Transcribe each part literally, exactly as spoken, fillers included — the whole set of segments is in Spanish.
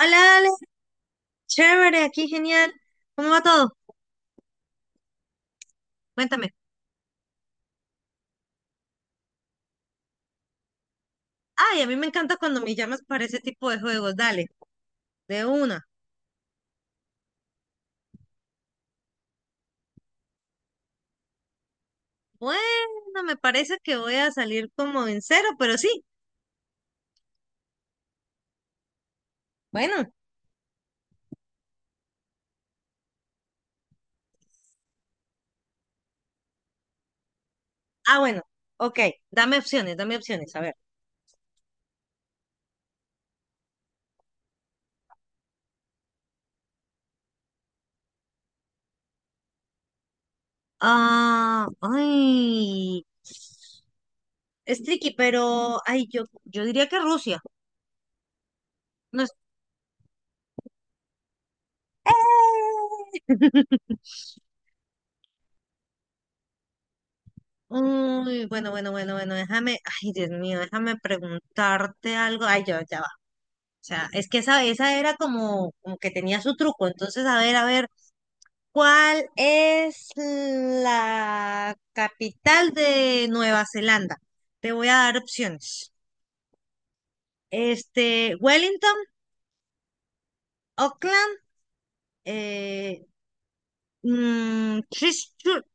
Hola, Ale, chévere, aquí genial. ¿Cómo va todo? Cuéntame. Ay, a mí me encanta cuando me llamas para ese tipo de juegos. Dale, de una. Bueno, me parece que voy a salir como en cero, pero sí. Bueno, ah, bueno. Ok, dame opciones, dame opciones, a ver. Ah, ay, es tricky, pero, ay, yo, yo diría que Rusia. No es. Uy, bueno, bueno, bueno, bueno, déjame, ay, Dios mío, déjame preguntarte algo. Ay, yo, ya. O sea, es que esa, esa era como, como que tenía su truco. Entonces, a ver, a ver, ¿cuál es la capital de Nueva Zelanda? Te voy a dar opciones. Este, Wellington, Auckland, eh, mm, Christchurch,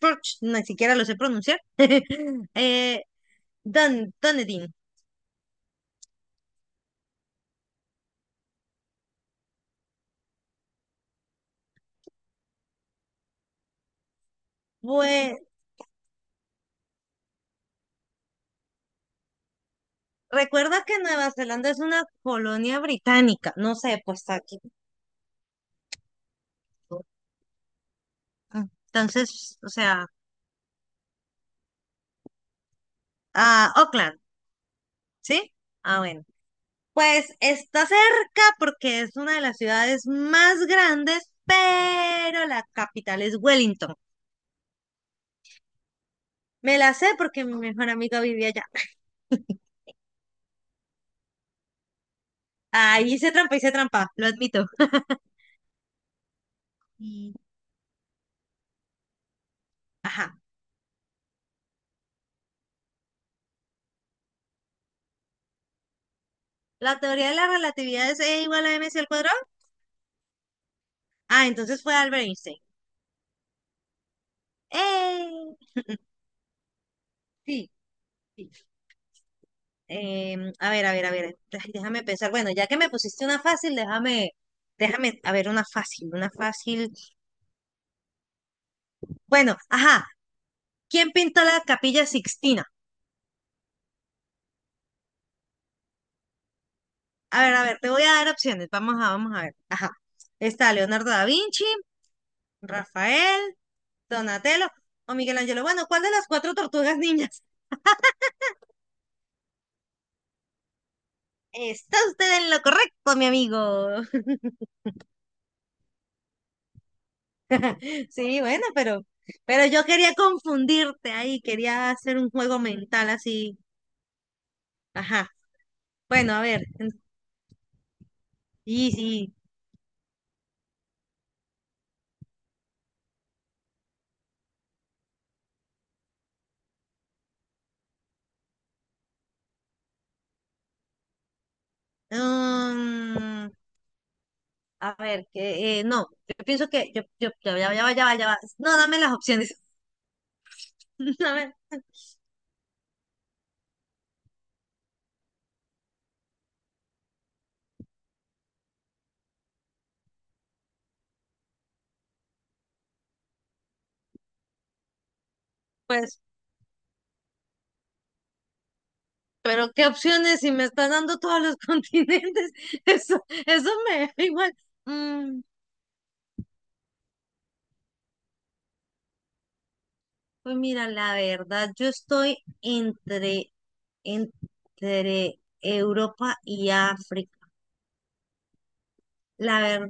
Church, ni siquiera lo sé pronunciar. eh, Dun- Dunedin. Pues recuerda que Nueva Zelanda es una colonia británica. No sé, pues aquí. ah, Entonces, o sea. Ah, Oakland, ¿sí? Ah, bueno. Pues está cerca porque es una de las ciudades más grandes, pero la capital es Wellington. Me la sé porque mi mejor amiga vivía allá. Ahí hice trampa, hice trampa, lo admito. Y ajá. ¿La teoría de la relatividad es E igual a mc al cuadrado? Ah, entonces fue Albert Einstein. ¡Eh! Sí, sí. Em, a ver, a ver, a ver. Ay, déjame pensar. Bueno, ya que me pusiste una fácil, déjame, déjame, a ver, una fácil, una fácil. Bueno, ajá. ¿Quién pintó la Capilla Sixtina? A ver, a ver, te voy a dar opciones. Vamos a, vamos a ver. Ajá. Está Leonardo da Vinci, Rafael, Donatello o Miguel Ángel. Bueno, ¿cuál de las cuatro tortugas niñas? Está usted en lo correcto, mi amigo. Sí, bueno, pero, pero yo quería confundirte ahí, quería hacer un juego mental así. Ajá. Bueno, a ver. Sí, sí. Mm, a ver, que eh, no, yo pienso que yo, yo, ya, va, ya, va, ya, va, ya va. No, dame las opciones. A ver, pues, pero qué opciones si me está dando todos los continentes. Eso, eso me da igual. Mm, pues mira, la verdad, yo estoy entre, entre Europa y África. La verdad,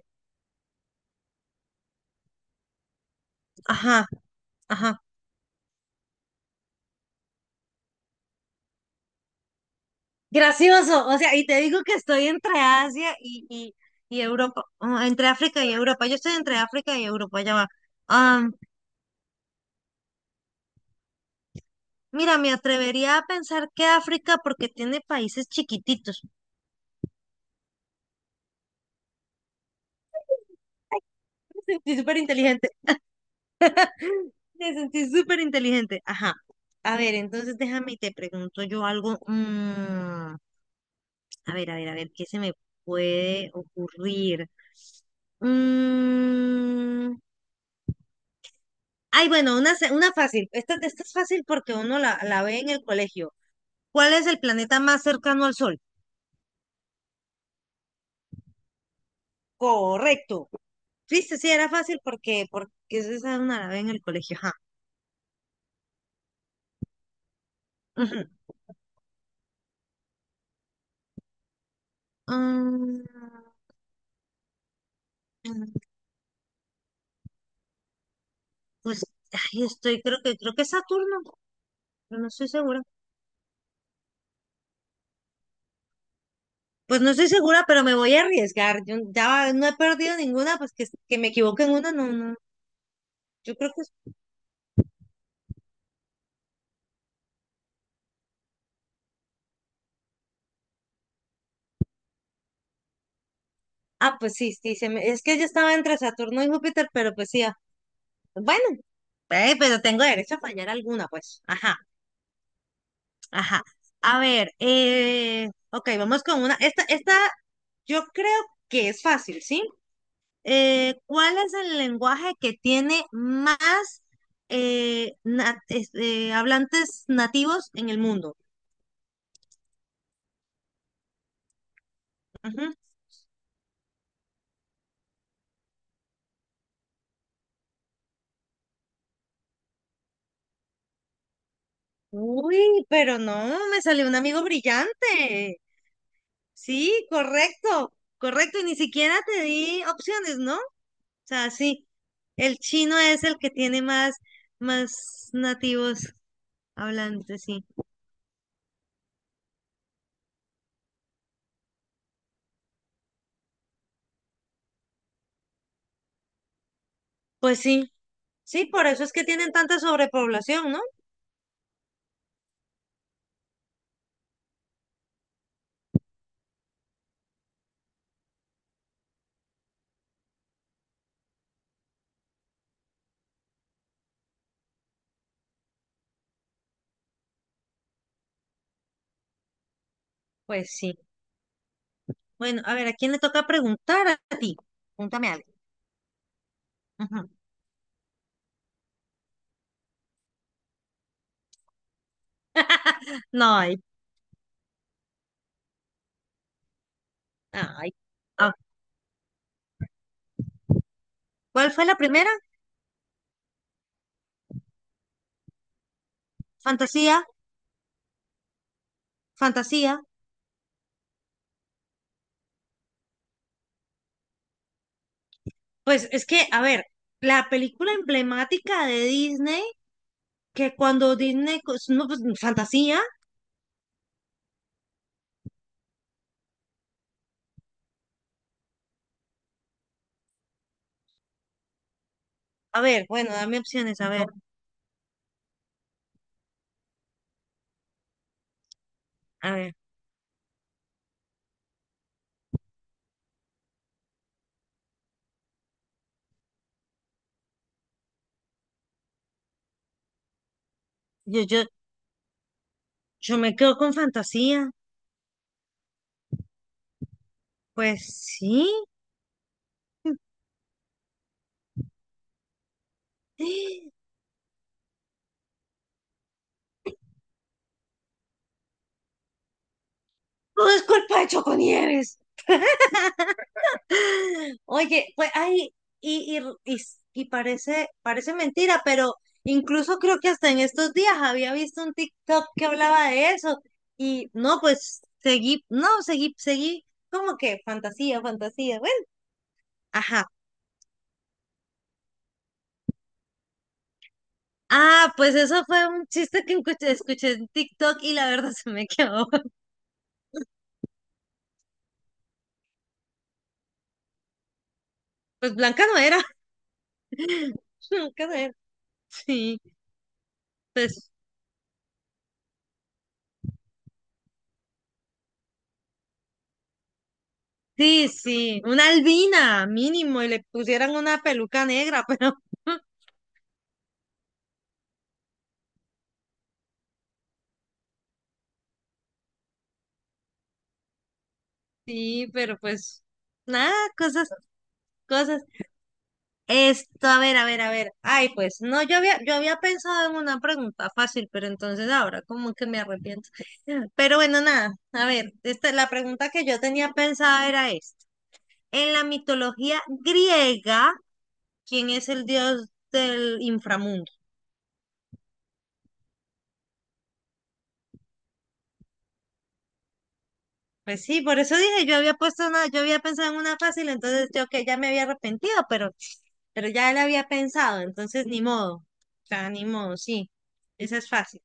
ajá, ajá. Gracioso, o sea, y te digo que estoy entre Asia y, y, y Europa. Ah, entre África y Europa. Yo estoy entre África y Europa, ya va. Ah, mira, me atrevería a pensar que África porque tiene países chiquititos. Me sentí súper inteligente. Me sentí súper inteligente. Ajá. A ver, entonces déjame y te pregunto yo algo. Mm, a ver, a ver, a ver, ¿qué se me puede ocurrir? Mm, Ay, bueno, una, se- una fácil. Esta, esta es fácil porque uno la, la ve en el colegio. ¿Cuál es el planeta más cercano al Sol? Correcto. Viste, sí, era fácil porque, porque esa una la ve en el colegio. Ajá. Ujú. Mm, pues, ay, estoy, creo que, creo que es Saturno. Pero no estoy segura. Pues no estoy segura, pero me voy a arriesgar. Yo ya va- no he perdido ninguna, pues que, que me equivoque en una, no, no. Yo creo que es- Ah, pues sí, sí, se me- es que yo estaba entre Saturno y Júpiter, pero pues sí. ah, Bueno, eh, pero tengo derecho a fallar alguna, pues. Ajá, ajá. A ver, eh, ok, vamos con una. Esta, esta yo creo que es fácil, ¿sí? Eh, ¿cuál es el lenguaje que tiene más eh, na- es- eh, hablantes nativos en el mundo? Uy, pero no, me salió un amigo brillante. Sí, correcto, correcto. Y ni siquiera te di opciones, ¿no? O sea, sí, el chino es el que tiene más, más nativos hablantes, sí. Pues sí, sí, por eso es que tienen tanta sobrepoblación, ¿no? Pues sí. Bueno, a ver, ¿a quién le toca preguntar a ti? Pregúntame algo. Ujú. No hay, ay. Ah, ¿cuál fue la primera? Fantasía, fantasía. Pues es que, a ver, la película emblemática de Disney, que cuando Disney, cos- no, pues, fantasía, a ver, bueno, dame opciones, a ver, a ver, yo, yo, yo me quedo con fantasía, pues sí. Todo es culpa de Choconieves. Oye, pues ay, y, y, y, s- y parece, parece mentira, pero incluso creo que hasta en estos días había visto un TikTok que hablaba de eso. Y no, pues seguí, no, seguí, seguí, como que fantasía, fantasía, bueno, ajá. Ah, pues eso fue un chiste que escuché, escuché en TikTok y la verdad se me quedó. Pues Blanca no era. Blanca no era. Sí, pues sí, sí, una albina mínimo y le pusieran una peluca negra, pero sí, pero pues nada, cosas, cosas. Esto, a ver, a ver, a ver. Ay, pues no, yo había, yo había pensado en una pregunta fácil, pero entonces ahora como que me arrepiento. Pero bueno, nada, a ver, esta, la pregunta que yo tenía pensada era esta. En la mitología griega, ¿quién es el dios del inframundo? Pues sí, por eso dije, yo había puesto una, yo había pensado en una fácil, entonces yo que ya me había arrepentido, pero, pero ya la había pensado, entonces ni modo. O sea, ni modo, sí. Esa es fácil.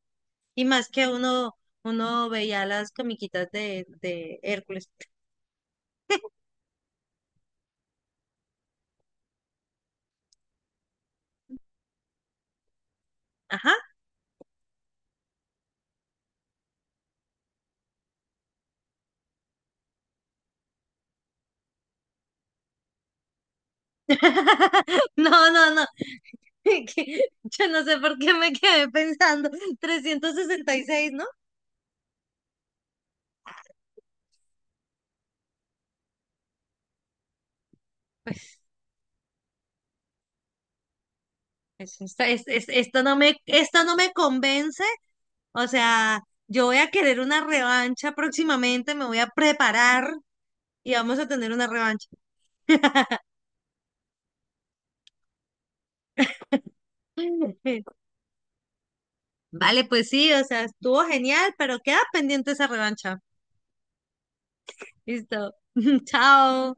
Y más que uno, uno veía las comiquitas de, de Hércules. Ajá. No, no, no. que Yo no sé por qué me quedé pensando. Trescientos sesenta y seis, ¿no? Pues, pues, esta- es- es- esto no me, esto no me convence. O sea, yo voy a querer una revancha próximamente, me voy a preparar y vamos a tener una revancha. Vale, pues sí, o sea, estuvo genial, pero queda pendiente esa revancha. Listo. Chao.